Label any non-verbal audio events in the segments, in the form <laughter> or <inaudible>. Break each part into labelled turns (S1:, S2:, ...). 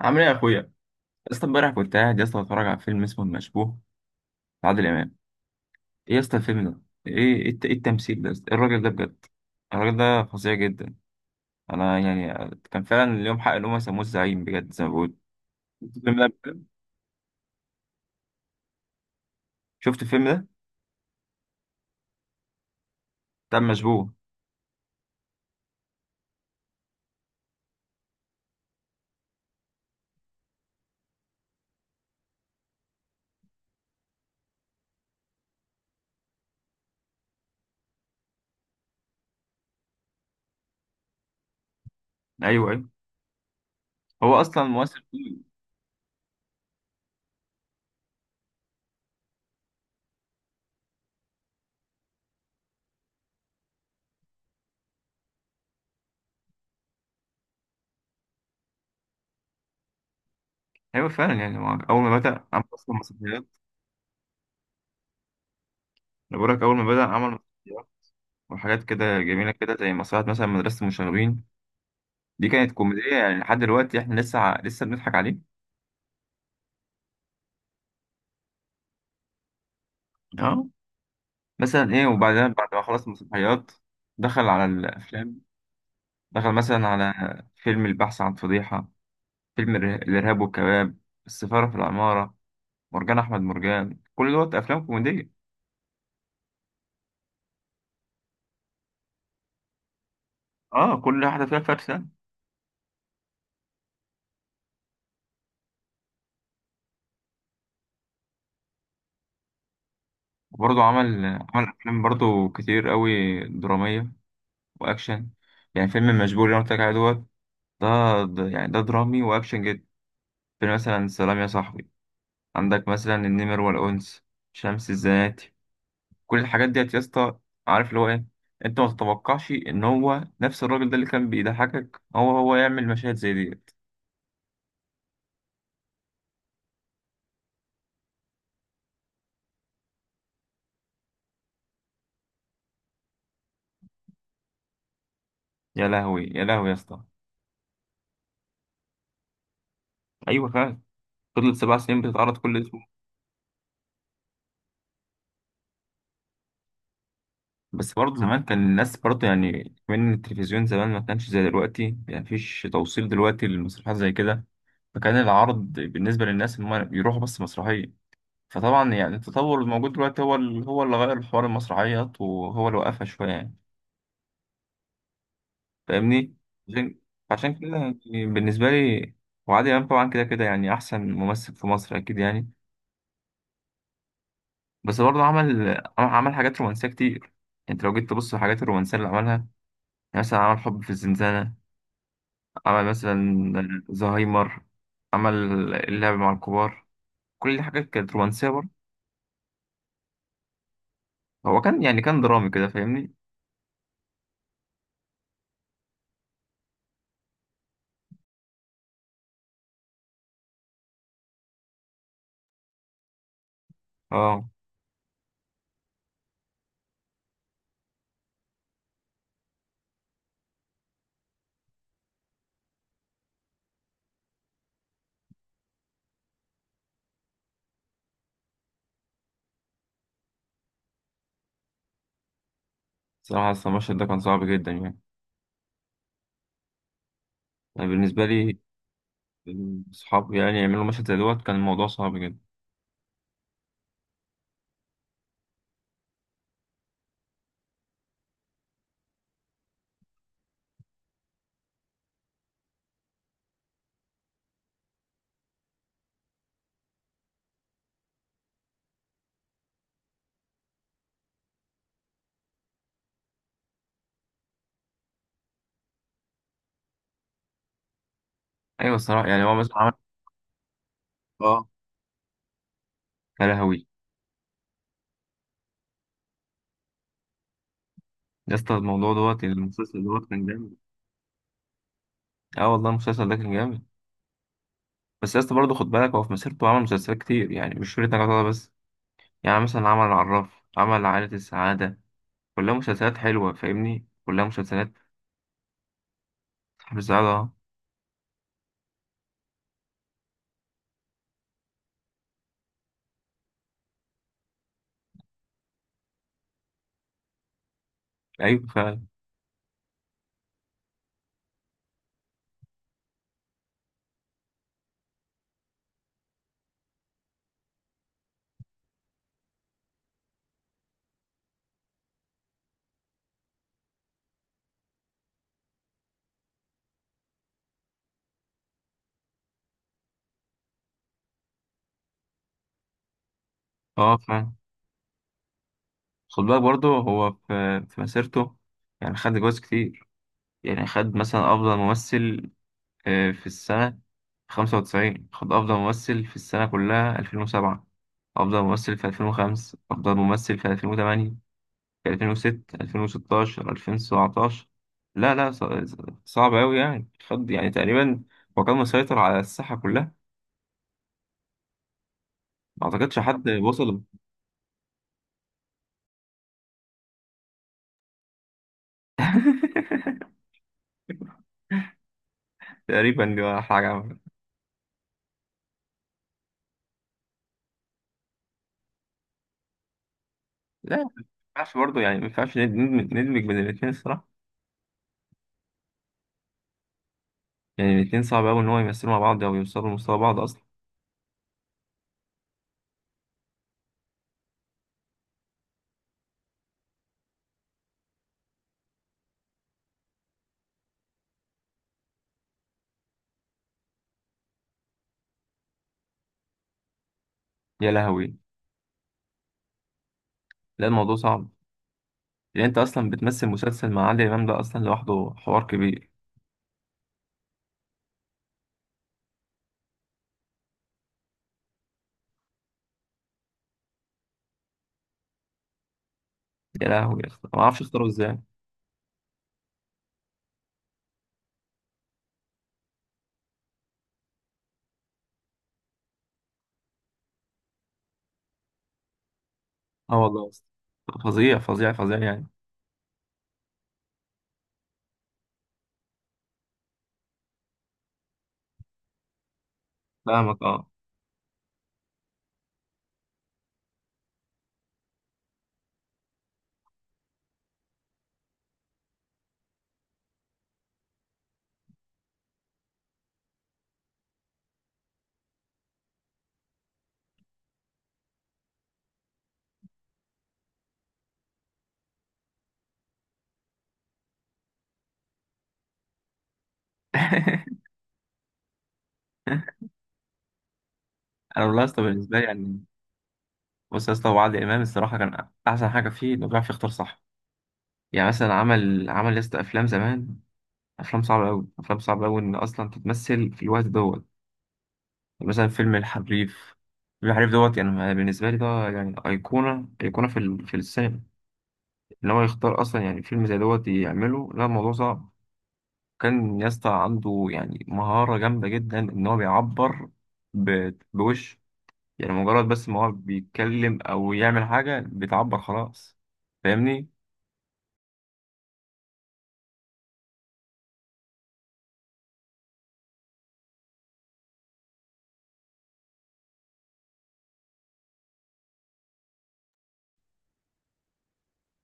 S1: عامل ايه يا اخويا؟ يا اسطى، امبارح كنت قاعد يا اسطى بتفرج على فيلم اسمه المشبوه لعادل امام. ايه يا اسطى الفيلم ده؟ ايه ايه إيه التمثيل ده يا اسطى؟ ايه الراجل ده بجد. الراجل ده فظيع جدا. انا يعني كان فعلا اليوم حق ان هم سموه الزعيم بجد زي ما بقول. شفت الفيلم ده بجد؟ شفت الفيلم ده بتاع المشبوه. ايوه ايوه، هو اصلا ممثل تقيل. ايوه فعلا، يعني هو اول ما بدا عمل اصلا مسرحيات. انا بقول لك اول ما بدا عمل مسرحيات وحاجات كده جميله، كده زي مسرحيه مثلا مدرسه المشاغبين. دي كانت كوميديه، يعني لحد دلوقتي احنا لسه بنضحك عليه. اه مثلا ايه، وبعدين بعد ما خلص المسرحيات دخل على الافلام. دخل مثلا على فيلم البحث عن فضيحة، الارهاب والكباب، السفارة في العمارة، مرجان احمد مرجان. كل دوت افلام كوميدية. اه، كل واحدة فيها فرسة. وبرضه عمل افلام برضه كتير قوي درامية واكشن. يعني فيلم مشبوه اللي انا قلت لك عليه دوت ده، يعني ده درامي واكشن جدا. فيلم مثلا سلام يا صاحبي، عندك مثلا النمر والانس، شمس الزناتي، كل الحاجات ديت يا اسطى. عارف اللي هو ايه؟ انت ما تتوقعش ان هو نفس الراجل ده اللي كان بيضحكك هو يعمل مشاهد زي ديت. يا لهوي يا لهوي يا اسطى. ايوه فعلا، فضلت 7 سنين بتتعرض كل اسبوع. بس برضه زمان كان الناس برضه، يعني من التلفزيون زمان ما كانش زي دلوقتي، يعني مفيش توصيل دلوقتي للمسرحيات زي كده. فكان العرض بالنسبة للناس ان هم يروحوا بس مسرحية. فطبعا يعني التطور الموجود دلوقتي هو هو اللي غير حوار المسرحيات وهو اللي وقفها شوية يعني. فاهمني؟ عشان عشان كده يعني بالنسبة لي، وعادل إمام طبعا كده كده يعني أحسن ممثل في مصر أكيد يعني. بس برضه عمل حاجات رومانسية كتير. أنت لو جيت تبص الحاجات الرومانسية اللي عملها يعني، مثلا عمل حب في الزنزانة، عمل مثلا زهايمر، عمل اللعب مع الكبار. كل دي حاجات كانت رومانسية برضه. هو كان يعني كان درامي كده فاهمني. اه. صراحة أصل المشهد ده كان صعب جدا يعني. يعني بالنسبة لي الصحاب يعني يعملوا مشهد زي دوت كان الموضوع صعب جدا. أيوة، الصراحة يعني هو مثلا عمل. اه، يا لهوي يا اسطى، الموضوع دوت يعني المسلسل دوت كان جامد. اه والله المسلسل ده كان جامد. بس يا اسطى برضه خد بالك هو في مسيرته عمل مسلسلات كتير، يعني مش شريط نجاة بس. يعني مثلا عمل العراف، عمل عائلة السعادة. كلها مسلسلات حلوة فاهمني، كلها مسلسلات. صاحب السعادة، اه. ايوه فعلا. اه فعلا، خد بالك برضه هو في مسيرته يعني خد جوائز كتير. يعني خد مثلا أفضل ممثل في السنة 95، خد أفضل ممثل في السنة كلها 2007، أفضل ممثل في 2005، أفضل ممثل في 2008، في 2006، 2016، 2017. لا لا، صعب أوي يعني. خد يعني تقريبا، هو كان مسيطر على الساحة كلها. ما أعتقدش حد وصل. <laughs> تقريبا دي ولا حاجة عملها. لا، ما ينفعش برضه، يعني ما ينفعش ندمج بين الاتنين الصراحة. يعني الاتنين صعب أوي إن هو يمثلوا مع بعض أو يوصلوا لمستوى بعض أصلا. يا لهوي. لا الموضوع صعب، لان انت اصلا بتمثل مسلسل مع عادل امام ده اصلا لوحده حوار كبير. يا لهوي يا اسطى، ما اعرفش اختاره ازاي. اه والله يا اسطى، فظيع فظيع فظيع يعني. فاهمك، اه. <laughs> انا والله يا اسطى بالنسبه لي يعني. بص يا اسطى، هو عادل امام الصراحه كان احسن حاجه فيه انه بيعرف يختار صح. يعني مثلا عمل يا اسطى افلام زمان. افلام صعبه قوي، افلام صعبه قوي ان اصلا تتمثل في الوقت دوت. يعني مثلا فيلم الحريف. الحريف دوت يعني بالنسبه لي ده يعني ايقونه ايقونه في في السينما. ان هو يختار اصلا يعني فيلم زي دوت يعمله، لا الموضوع صعب. كان يسطا عنده يعني مهارة جامدة جدا ان هو بيعبر بوش. يعني مجرد بس ما هو بيتكلم او يعمل حاجة بتعبر خلاص. فاهمني؟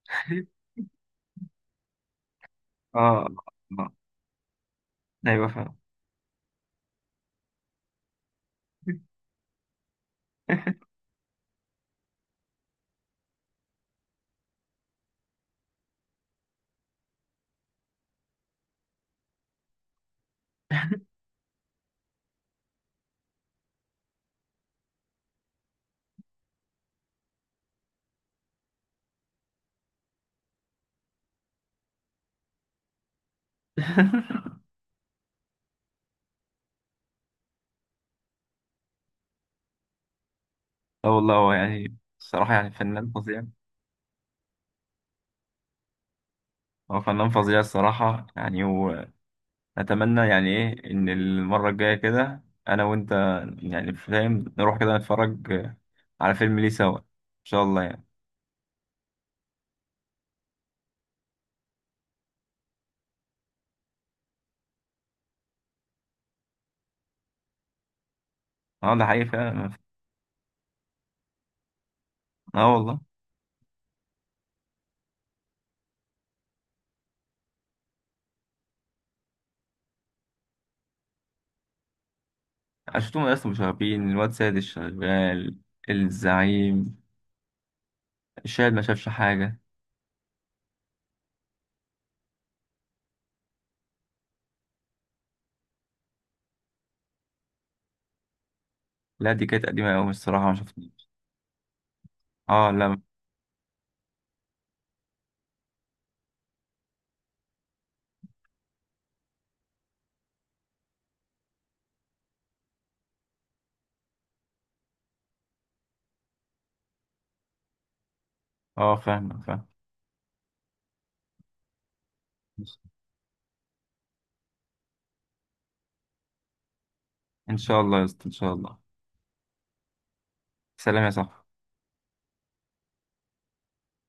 S1: <laughs> اه. آه. ايوه فاهم. <laughs> اه والله، هو يعني الصراحة يعني فنان فظيع. هو فنان فظيع الصراحة يعني. اتمنى يعني ايه ان المره الجايه كده انا وانت يعني فاهم نروح كده نتفرج على فيلم ليه سوا ان شاء الله يعني. اه ده حقيقي فعلا. اه والله. شفتهم اصلا، مشاغبين، الواد سيد الشغال، الزعيم، الشاهد ما شافش حاجه. لا دي كانت قديمه قوي الصراحه ما شفتهاش. اه لا. اه فاهم فاهم. ان شاء الله يا اسطى، ان شاء الله. سلام يا صاحبي.